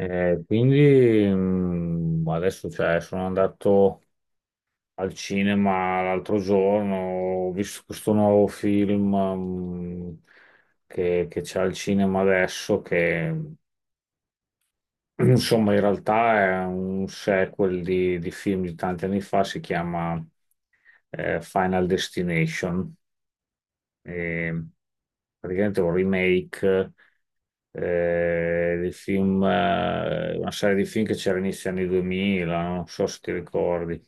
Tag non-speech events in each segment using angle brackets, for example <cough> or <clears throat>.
Quindi adesso sono andato al cinema l'altro giorno, ho visto questo nuovo film che c'è al cinema adesso, che <clears throat> insomma in realtà è un sequel di film di tanti anni fa, si chiama Final Destination, e praticamente è un remake dei film, una serie di film che c'era inizio anni 2000, non so se ti ricordi.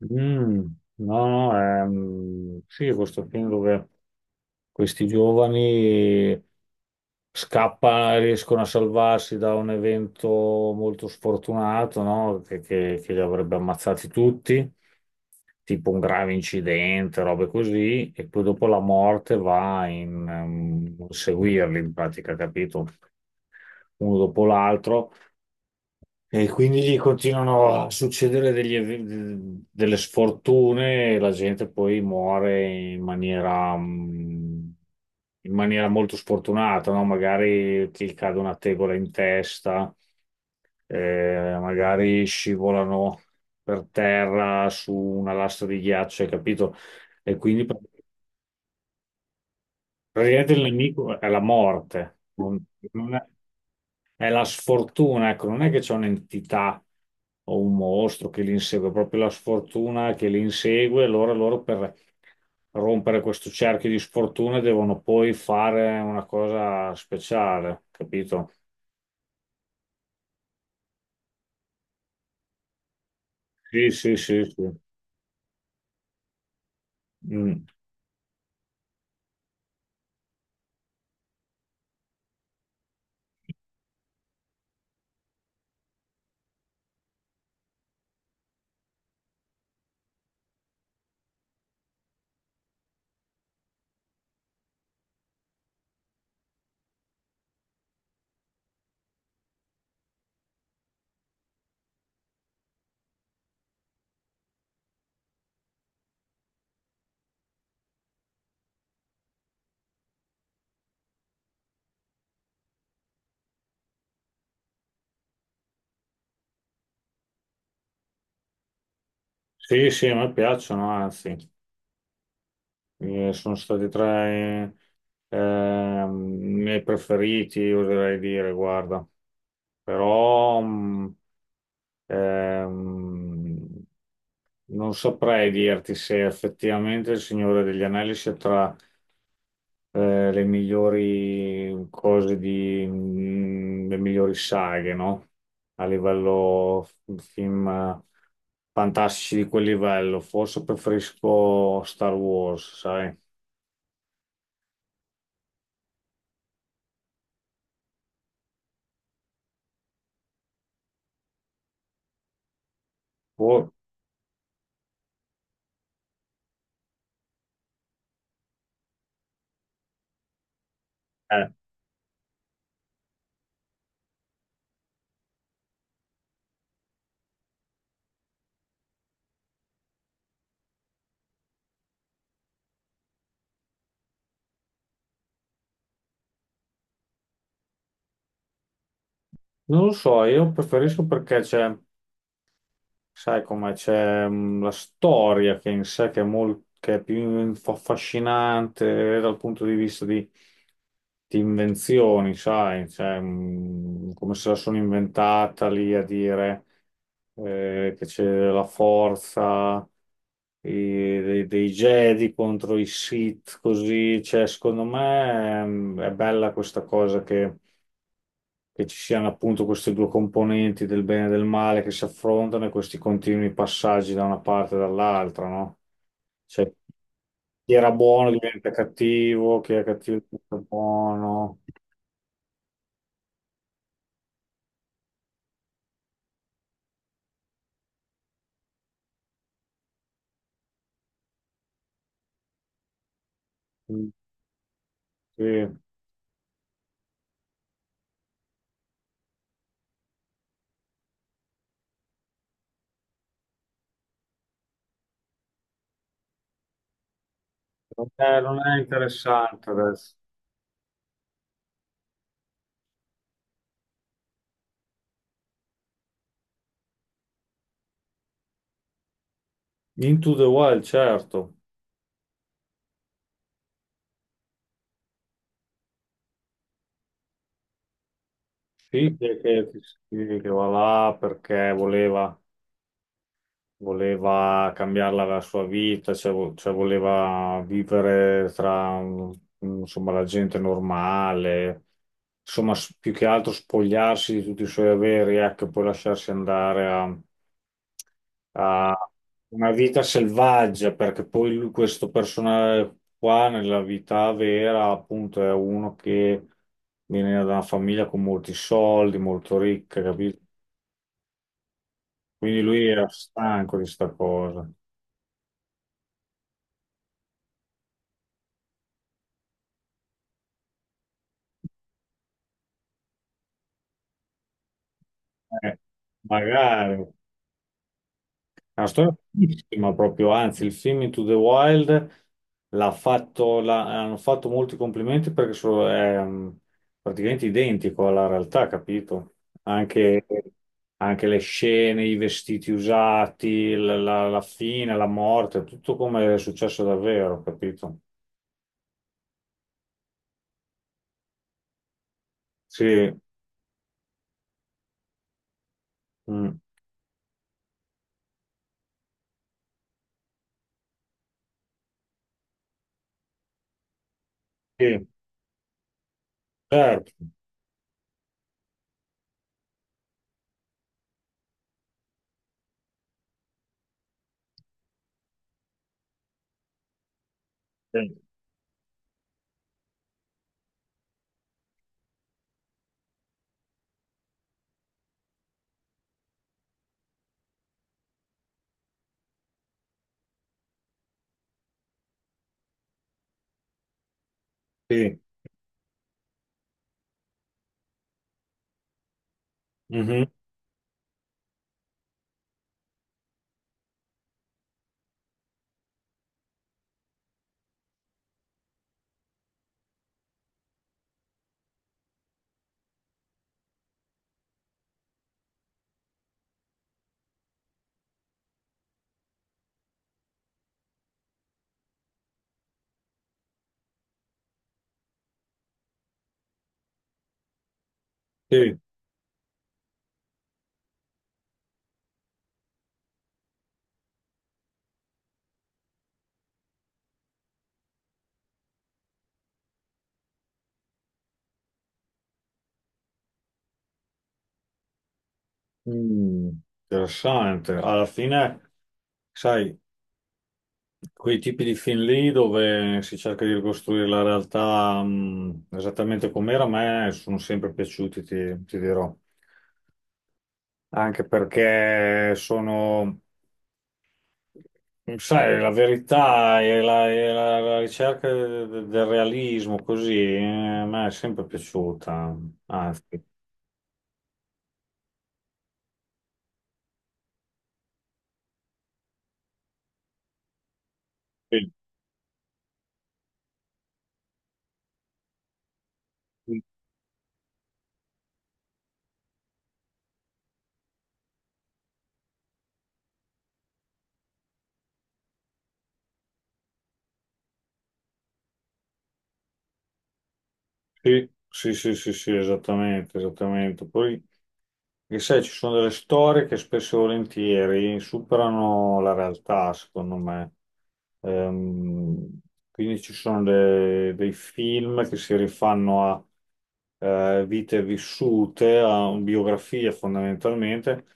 Mm, no, no, sì, questo film dove questi giovani scappano, riescono a salvarsi da un evento molto sfortunato, no? Che, che li avrebbe ammazzati tutti, tipo un grave incidente, robe così, e poi dopo la morte va in, seguirli, in pratica, capito? Uno dopo l'altro, e quindi gli continuano a succedere delle sfortune e la gente poi muore in maniera, in maniera molto sfortunata, no? Magari ti cade una tegola in testa, magari scivolano per terra su una lastra di ghiaccio, hai capito? E quindi pr- praticamente il nemico è la morte. Non- non è- È la sfortuna, ecco, non è che c'è un'entità o un mostro che li insegue, è proprio la sfortuna che li insegue, allora loro per rompere questo cerchio di sfortuna devono poi fare una cosa speciale, capito? Sì, sì, sì, sì. Mm. Sì, sì, a me piacciono, anzi, sono stati tra i i miei preferiti, oserei dire, guarda. Però... Ehm, non saprei dirti se effettivamente Il Signore degli Anelli sia tra le migliori cose di, le migliori saghe, no? A livello f- film fantastici di quel livello. Forse preferisco Star Wars, sai? O- eh, Non lo so, io preferisco perché c'è. Sai come c'è la storia che in sé che è, che è più affascinante dal punto di vista di invenzioni, sai, cioè, come se la sono inventata lì a dire che c'è la forza dei, dei Jedi contro i Sith, così, cioè, secondo me è bella questa cosa che ci siano appunto queste due componenti del bene e del male che si affrontano e questi continui passaggi da una parte e dall'altra, no? Cioè, chi era buono diventa cattivo, chi è cattivo diventa buono. Mm. Sì. Non è, non è interessante adesso. Into the Wild, certo. Sì, che sì, che va là perché voleva cambiarla la sua vita, cioè, cioè voleva vivere tra insomma, la gente normale, insomma, più che altro spogliarsi di tutti i suoi averi, ecco, e poi lasciarsi andare a una vita selvaggia, perché poi questo personaggio qua nella vita vera, appunto, è uno che viene da una famiglia con molti soldi, molto ricca, capito? Quindi lui era stanco di sta cosa. Eh, magari è una storia bellissima proprio, anzi, il film Into the Wild hanno fatto molti complimenti perché è praticamente identico alla realtà, capito? Anche, anche le scene, i vestiti usati, la, la fine, la morte, tutto come è successo davvero, capito? Sì, mm, sì, certo, sì, sì, mhm, sì. Mm, interessante. Alla fine, sai, quei tipi di film lì dove si cerca di ricostruire la realtà, esattamente com'era, a me sono sempre piaciuti, ti dirò. Anche perché sono, sai, la verità e la, la ricerca del realismo, così, a me è sempre piaciuta. Anzi, sì. Sì, sì, sì, sì, sì, esattamente, esattamente. Poi, che sai, ci sono delle storie che spesso e volentieri superano la realtà, secondo me. Ehm, quindi ci sono dei film che si rifanno a vite vissute, a biografie fondamentalmente,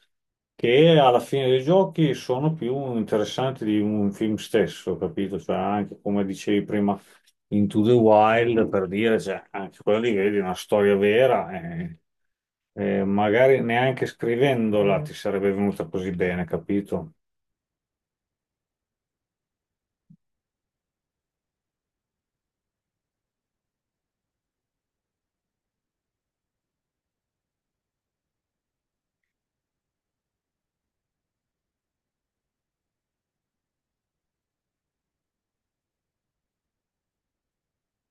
che alla fine dei giochi sono più interessanti di un film stesso, capito? Cioè, anche come dicevi prima. Into the Wild per dire, cioè, anche quella lì vedi è una storia vera e magari neanche scrivendola ti sarebbe venuta così bene, capito?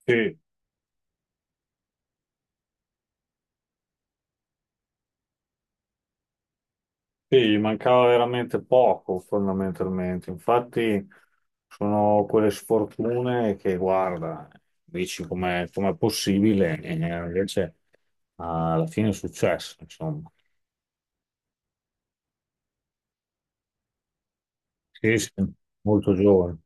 Sì, sì, gli mancava veramente poco fondamentalmente. Infatti sono quelle sfortune che guarda, dici com'è possibile e invece alla fine è successo, insomma. Sì, sì, molto giovane.